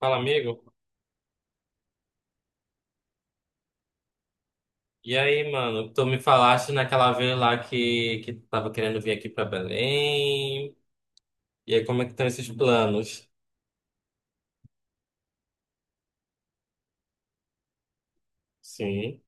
Fala, amigo. E aí, mano, tu me falaste naquela vez lá que tu tava querendo vir aqui pra Belém. E aí, como é que estão esses planos? Sim,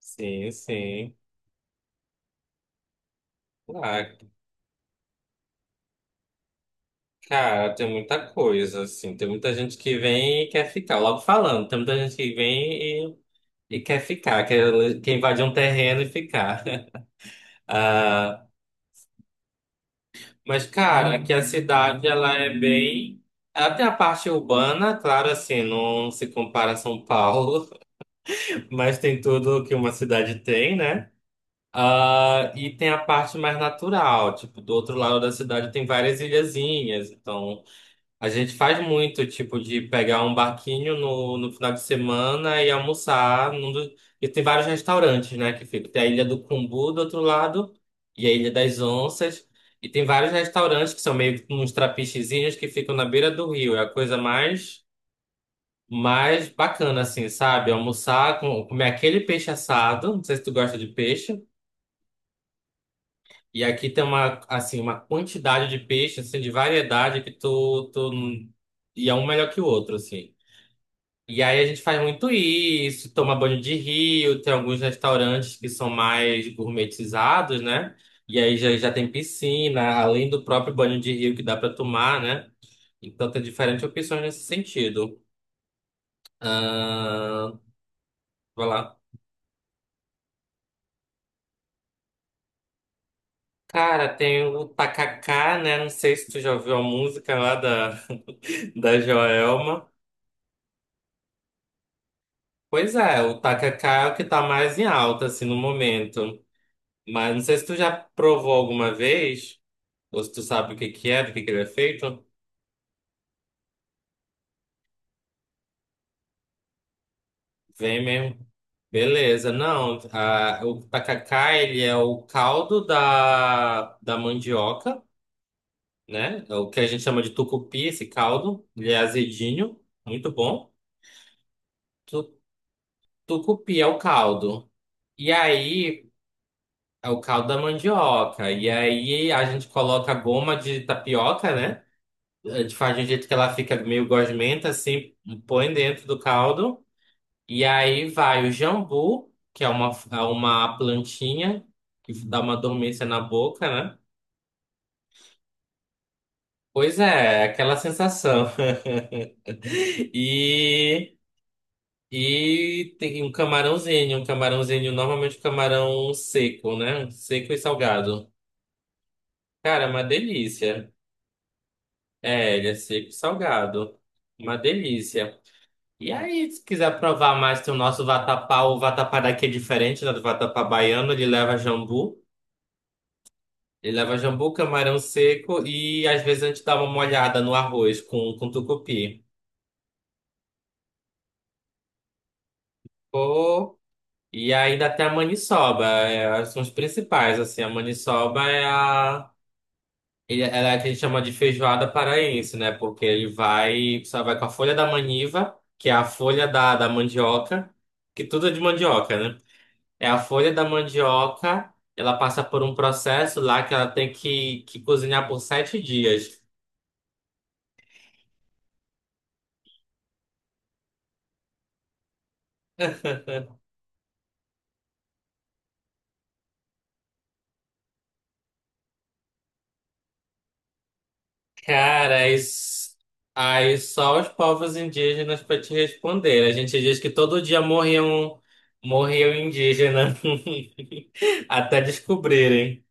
sim, sim. Ah, cara, tem muita coisa, assim. Tem muita gente que vem e quer ficar. Logo falando, tem muita gente que vem e quer ficar, quer invadir um terreno e ficar. Ah, mas, cara, aqui a cidade, ela é bem... Ela tem a parte urbana, claro, assim, não se compara a São Paulo. Mas tem tudo que uma cidade tem, né? Ah, e tem a parte mais natural, tipo, do outro lado da cidade tem várias ilhazinhas. Então, a gente faz muito, tipo, de pegar um barquinho no final de semana e almoçar. E tem vários restaurantes, né, que fica. Tem a Ilha do Cumbu do outro lado e a Ilha das Onças. E tem vários restaurantes que são meio que uns trapichezinhos que ficam na beira do rio. É a coisa mais bacana, assim, sabe? Almoçar, comer aquele peixe assado. Não sei se tu gosta de peixe. E aqui tem uma, assim, uma quantidade de peixe, assim, de variedade que tu... E é um melhor que o outro, assim. E aí a gente faz muito isso, toma banho de rio, tem alguns restaurantes que são mais gourmetizados, né? E aí já tem piscina, além do próprio banho de rio que dá pra tomar, né? Então tem diferentes opções nesse sentido. Ah, vai lá. Cara, tem o Tacacá, né? Não sei se tu já ouviu a música lá da, da Joelma. Pois é, o Tacacá é o que tá mais em alta, assim, no momento. Mas não sei se tu já provou alguma vez, ou se tu sabe o que que é, do que ele é feito. Vem mesmo. Beleza, não. O tacacá, ele é o caldo da mandioca, né? É o que a gente chama de tucupi, esse caldo. Ele é azedinho, muito bom. Tu- tucupi é o caldo. E aí, é o caldo da mandioca. E aí, a gente coloca a goma de tapioca, né? A gente faz de um jeito que ela fica meio gosmenta, assim, põe dentro do caldo. E aí vai o jambu, que é uma plantinha que dá uma dormência na boca, né? Pois é, é aquela sensação. E, e tem um camarãozinho, normalmente camarão seco, né? Seco e salgado. Cara, é uma delícia. É, ele é seco e salgado. Uma delícia. E aí, se quiser provar mais, tem o nosso vatapá. O vatapá daqui é diferente, né, do vatapá baiano. Ele leva jambu. Ele leva jambu, camarão seco e às vezes a gente dá uma molhada no arroz com tucupi. Pô, e ainda tem a maniçoba. É, são os principais, assim. A maniçoba é a... Ela é a que a gente chama de feijoada paraense, né? Porque ele vai, só vai com a folha da maniva, que é a folha da mandioca, que tudo é de mandioca, né? É a folha da mandioca, ela passa por um processo lá que ela tem que cozinhar por 7 dias. Cara, aí só os povos indígenas para te responder. A gente diz que todo dia morriam indígenas até descobrirem.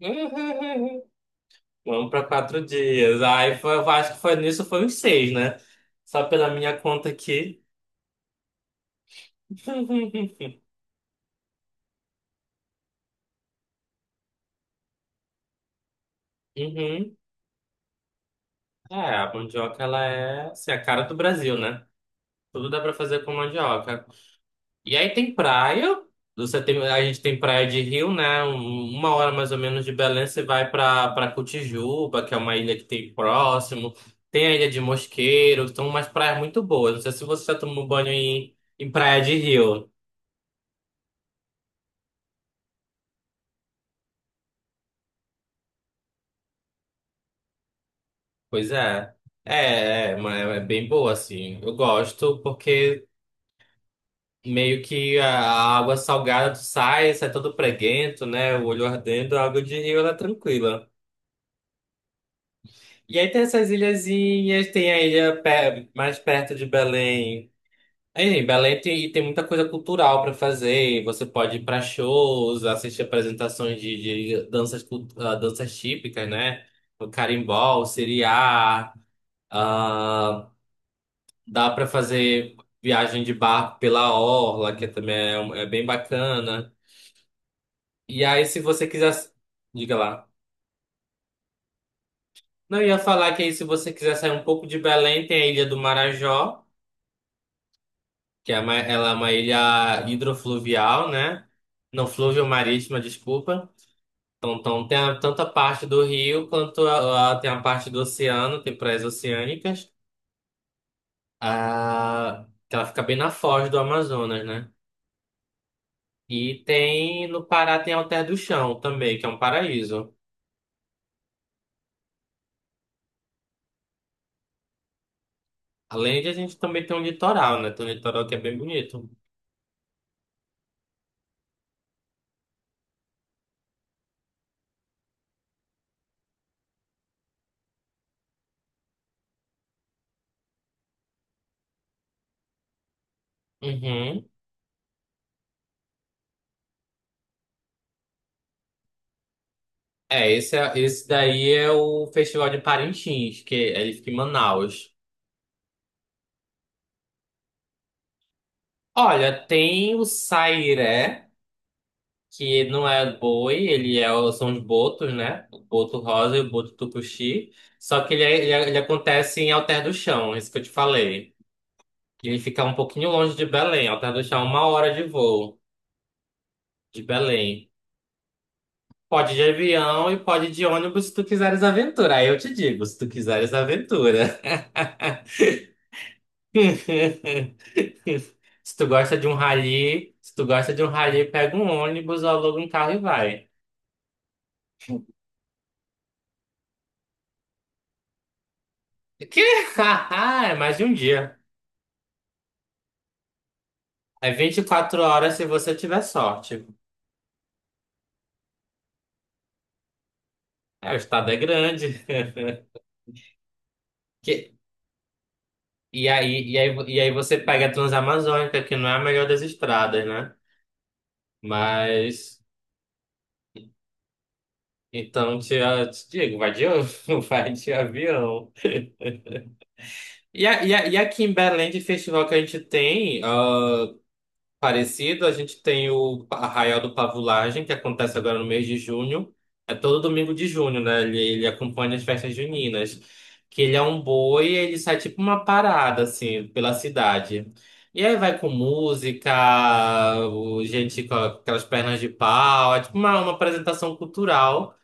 Vamos para 4 dias. Aí foi, eu acho que foi nisso, foi uns seis, né? Só pela minha conta aqui. Uhum. É, a mandioca, ela é assim, a cara do Brasil, né? Tudo dá pra fazer com mandioca. E aí tem praia. A gente tem praia de Rio, né? 1 hora mais ou menos de Belém, você vai pra, Cotijuba, que é uma ilha que tem próximo. Tem a Ilha de Mosqueiro, são umas praias muito boas. Não sei se você já tomou banho em praia de Rio. Pois é. É bem boa, assim. Eu gosto porque meio que a água salgada tu sai todo preguento, né? O olho ardendo, a água de rio ela é tranquila. E aí tem essas ilhazinhas, tem a mais perto de Belém. Aí, Belém tem muita coisa cultural para fazer. Você pode ir para shows, assistir apresentações de danças, danças típicas, né? O carimbó, o siriá. ah, Dá para fazer viagem de barco pela orla, que também é bem bacana. E aí, se você quiser. Diga lá. Não, eu ia falar que aí, se você quiser sair um pouco de Belém, tem a Ilha do Marajó, que é uma, ela é uma ilha hidrofluvial, né? Não, fluvio-marítima, desculpa. Então, tem tanto a parte do rio quanto tem a parte do oceano, tem praias oceânicas. Ah, que ela fica bem na foz do Amazonas, né? E tem no Pará tem Alter do Chão também, que é um paraíso. Além de a gente também tem um litoral, né? Tem um litoral que é bem bonito. Uhum. É, esse daí é o Festival de Parintins, que é ele fica em Manaus. Olha, tem o Sairé, que não é boi, são os botos, né? O boto rosa e o boto tucuxi. Só que ele acontece em Alter do Chão, é isso que eu te falei. Que ele fica um pouquinho longe de Belém. Alter do Chão é 1 hora de voo de Belém. Pode de avião e pode de ônibus se tu quiseres aventura. Aí eu te digo, se tu quiseres aventura. Se tu gosta de um rally, se tu gosta de um rally, pega um ônibus ou aluga um carro e vai. Que? É mais de um dia. É 24 horas se você tiver sorte. É, o estado é grande. Que- E aí, e aí, e aí, você pega a Transamazônica, que não é a melhor das estradas, né? Mas, então, eu te digo, vai de, vai de avião. E aqui em Belém, de festival que a gente tem, parecido, a gente tem o Arraial do Pavulagem, que acontece agora no mês de junho. É todo domingo de junho, né? Ele acompanha as festas juninas. Que ele é um boi e ele sai tipo uma parada, assim, pela cidade. E aí vai com música, gente com aquelas pernas de pau, é tipo uma apresentação cultural.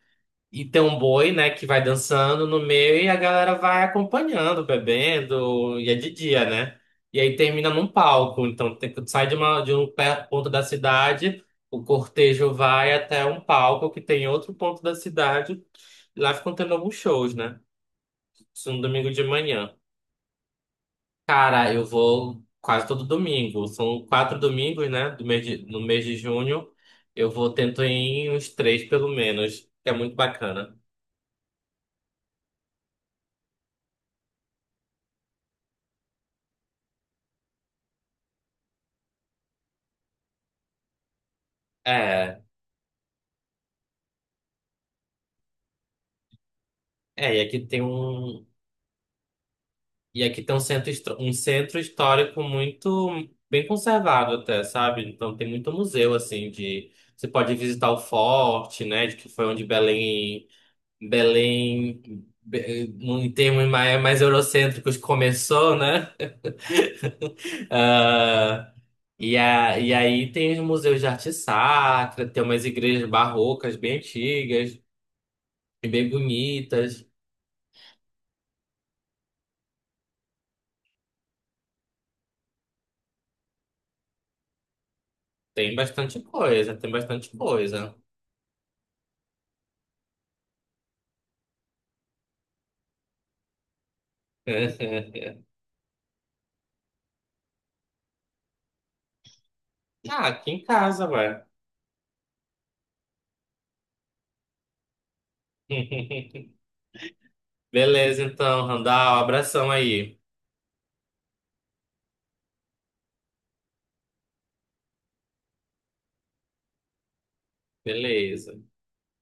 E tem um boi, né, que vai dançando no meio e a galera vai acompanhando, bebendo, e é de dia, né? E aí termina num palco. Então sai de, de um ponto da cidade, o cortejo vai até um palco que tem outro ponto da cidade, e lá ficam tendo alguns shows, né? Isso no domingo de manhã. Cara, eu vou quase todo domingo. São quatro domingos, né? No mês de junho. Eu vou tento ir em uns três, pelo menos, que é muito bacana. É, É, e aqui tem um centro histórico muito bem conservado até, sabe? Então tem muito museu assim de você pode visitar o forte, né, de que foi onde Belém em termos mais eurocêntricos começou, né? Ah, e aí tem os museus de arte sacra, tem umas igrejas barrocas bem antigas e bem bonitas. Tem bastante coisa, tem bastante coisa. Ah, aqui em casa, ué. Beleza, então, Randall, abração aí. Beleza.